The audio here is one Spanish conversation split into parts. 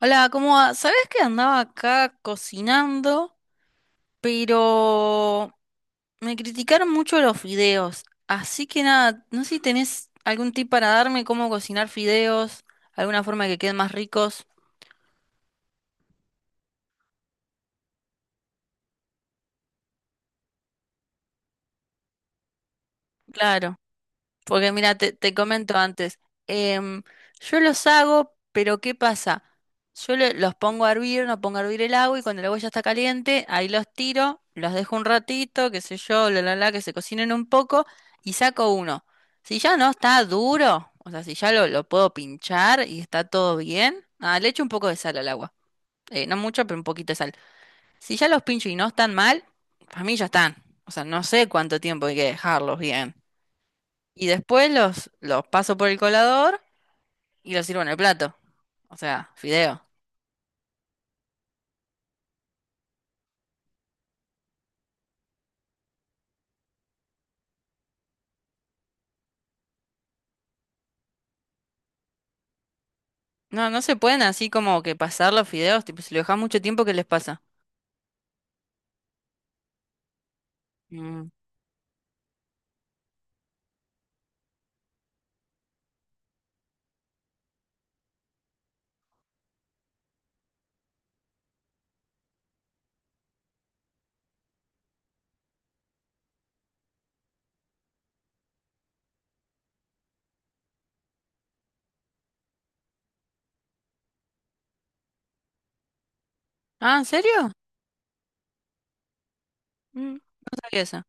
Hola, ¿cómo va? ¿Sabés que andaba acá cocinando? Pero me criticaron mucho los fideos. Así que nada, no sé si tenés algún tip para darme cómo cocinar fideos, alguna forma que queden más ricos. Claro. Porque mira, te comento antes, em, yo los hago, pero ¿qué pasa? Yo los pongo a hervir, no pongo a hervir el agua y cuando el agua ya está caliente, ahí los tiro, los dejo un ratito, qué sé yo, la la la, que se cocinen un poco y saco uno. Si ya no está duro, o sea, si ya lo puedo pinchar y está todo bien, ah, le echo un poco de sal al agua. No mucho, pero un poquito de sal. Si ya los pincho y no están mal, para mí ya están. O sea, no sé cuánto tiempo hay que dejarlos bien. Y después los paso por el colador y los sirvo en el plato. O sea, fideo. No, no se pueden así como que pasar los fideos. Tipo, si lo dejas mucho tiempo, ¿qué les pasa? Mm. Ah, ¿en serio? No sabía eso.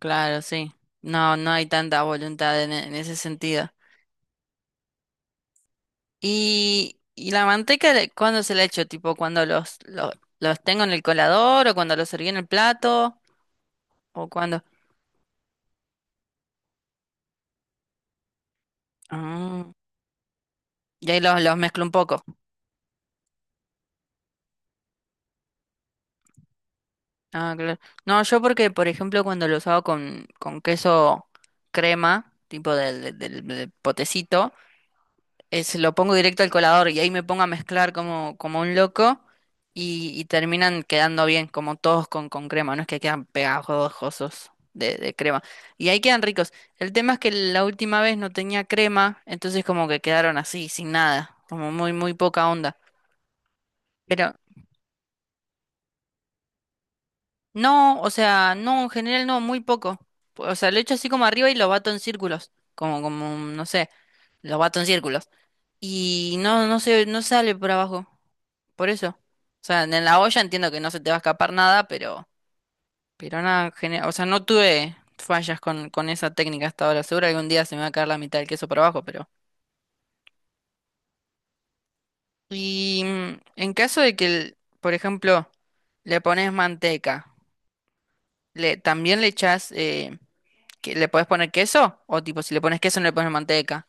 Claro, sí. No, no hay tanta voluntad en ese sentido. Y la manteca, ¿cuándo se la echo? Tipo, cuando los tengo en el colador o cuando los serví en el plato o cuando. Ah, y ahí los mezclo un poco. Ah, claro. No, yo porque, por ejemplo, cuando los hago con queso crema, tipo del potecito, lo pongo directo al colador y ahí me pongo a mezclar como un loco y terminan quedando bien, como todos con crema, no es que quedan pegajosos de crema. Y ahí quedan ricos. El tema es que la última vez no tenía crema, entonces como que quedaron así, sin nada, como muy, muy poca onda. No, o sea, no, en general no, muy poco. O sea, lo echo así como arriba y lo bato en círculos. Como, no sé, lo bato en círculos. Y no sale por abajo. Por eso. O sea, en la olla entiendo que no se te va a escapar nada, pero nada, o sea, no tuve fallas con esa técnica hasta ahora. Seguro algún día se me va a caer la mitad del queso por abajo, pero. Y en caso de que, por ejemplo, le pones manteca, también le echás. Que le puedes poner queso, o tipo, si le pones queso no le pones manteca.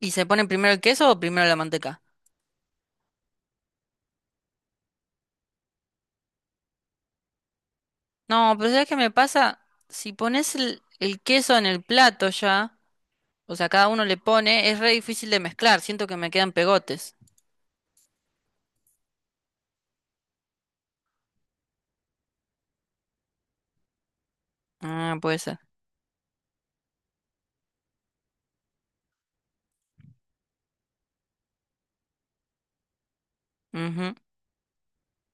¿Y se pone primero el queso o primero la manteca? No, pero ¿sabes qué me pasa? Si pones el queso en el plato ya, o sea, cada uno le pone, es re difícil de mezclar, siento que me quedan pegotes. Ah, puede ser. Ujú.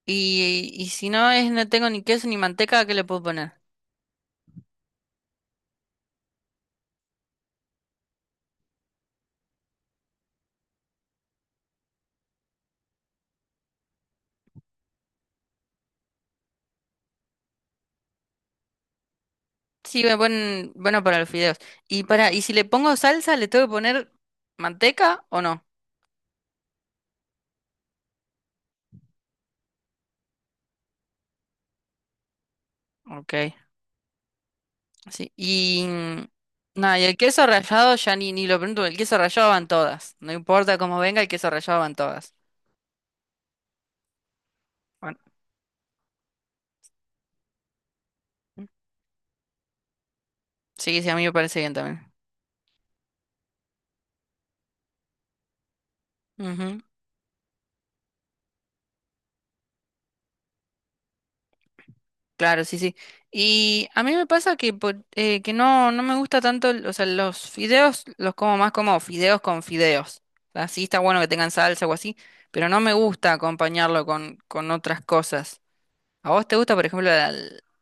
Y si no es, no tengo ni queso ni manteca, ¿qué le puedo poner? Sí, me ponen, bueno, para los fideos. Y si le pongo salsa, ¿le tengo que poner manteca o no? Ok. Sí, y nada, y el queso rallado ya ni lo pregunto, el queso rallado van todas. No importa cómo venga, el queso rallado van todas. Bueno, sí, sí, a mí me parece bien también. Ujú, claro, sí, sí. Y a mí me pasa que, que no me gusta tanto, o sea, los fideos los como más como fideos con fideos. O sea, sí está bueno que tengan salsa o así, pero no me gusta acompañarlo con otras cosas. ¿A vos te gusta, por ejemplo, la,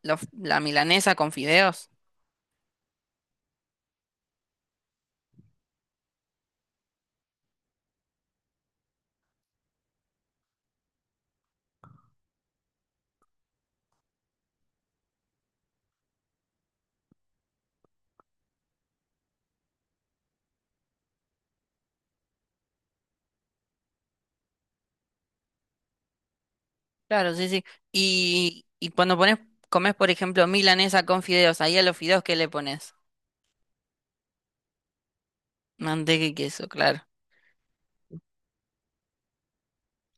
la la milanesa con fideos? Claro, sí, sí. Y cuando comes, por ejemplo, milanesa con fideos, ahí a los fideos, ¿qué le pones? Manteca y queso, claro.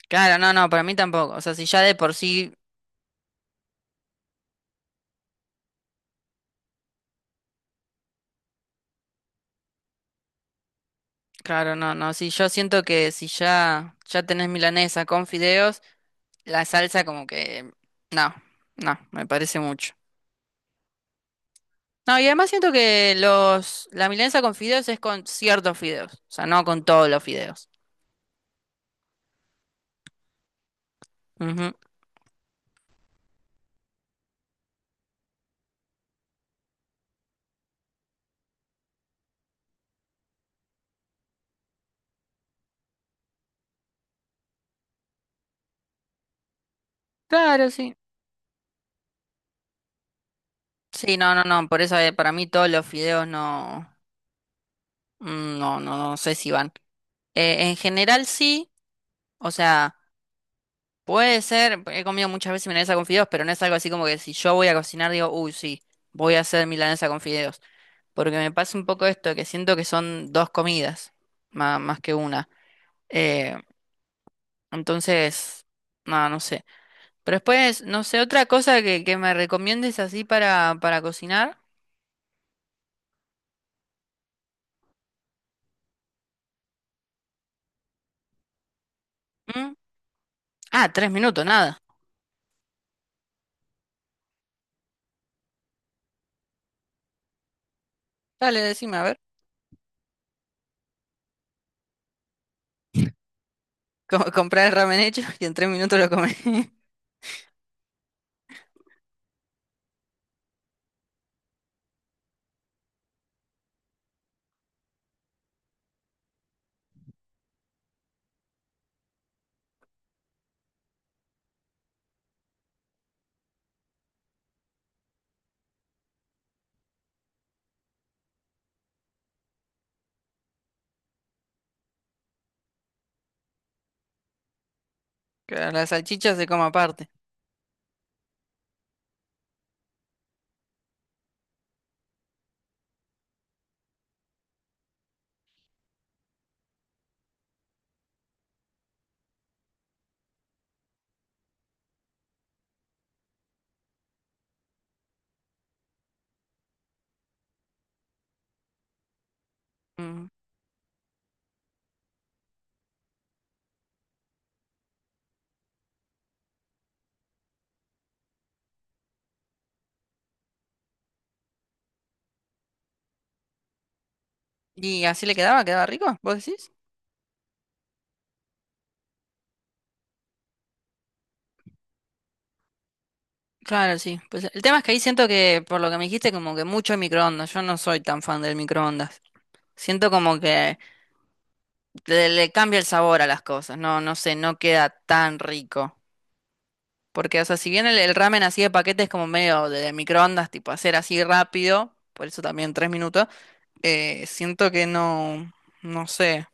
Claro, no, no, para mí tampoco. O sea, si ya de por sí, claro, no, no. Si yo siento que si ya, ya tenés milanesa con fideos, la salsa como que, no, no, me parece mucho. No, y además siento que la milanesa con fideos es con ciertos fideos, o sea, no con todos los fideos. Ujú. Claro, sí. Sí, no, no, no, por eso para mí todos los fideos no. No, no, no sé si van. En general sí, o sea, puede ser, he comido muchas veces milanesa con fideos, pero no es algo así como que si yo voy a cocinar digo, uy, sí, voy a hacer milanesa con fideos. Porque me pasa un poco esto, que siento que son dos comidas, más, que una. Eh, entonces, no, no sé. Pero después, no sé, otra cosa que me recomiendes así para cocinar. ¿Mm? Ah, 3 minutos, nada. Dale, decime, a ver. Comprar el ramen hecho y en 3 minutos lo comés. Claro, la salchicha se come aparte. Mm. ¿Y así le quedaba? ¿Quedaba rico? ¿Vos decís? Claro, sí. Pues el tema es que ahí siento que, por lo que me dijiste, como que mucho microondas. Yo no soy tan fan del microondas. Siento como que le cambia el sabor a las cosas. No, no sé, no queda tan rico. Porque, o sea, si bien el ramen así de paquete es como medio de microondas, tipo hacer así rápido, por eso también 3 minutos, siento que no, no sé.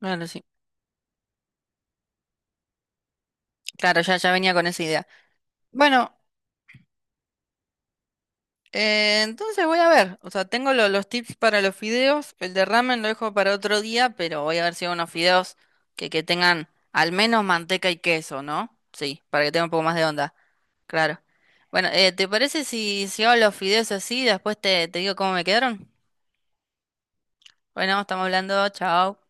Claro, sí. Claro, ya, ya venía con esa idea. Bueno. Entonces voy a ver, o sea, tengo los tips para los fideos, el de ramen lo dejo para otro día, pero voy a ver si hago unos fideos que tengan al menos manteca y queso, ¿no? Sí, para que tenga un poco más de onda, claro. Bueno, ¿te parece si hago los fideos así, después te digo cómo me quedaron? Bueno, estamos hablando, chao.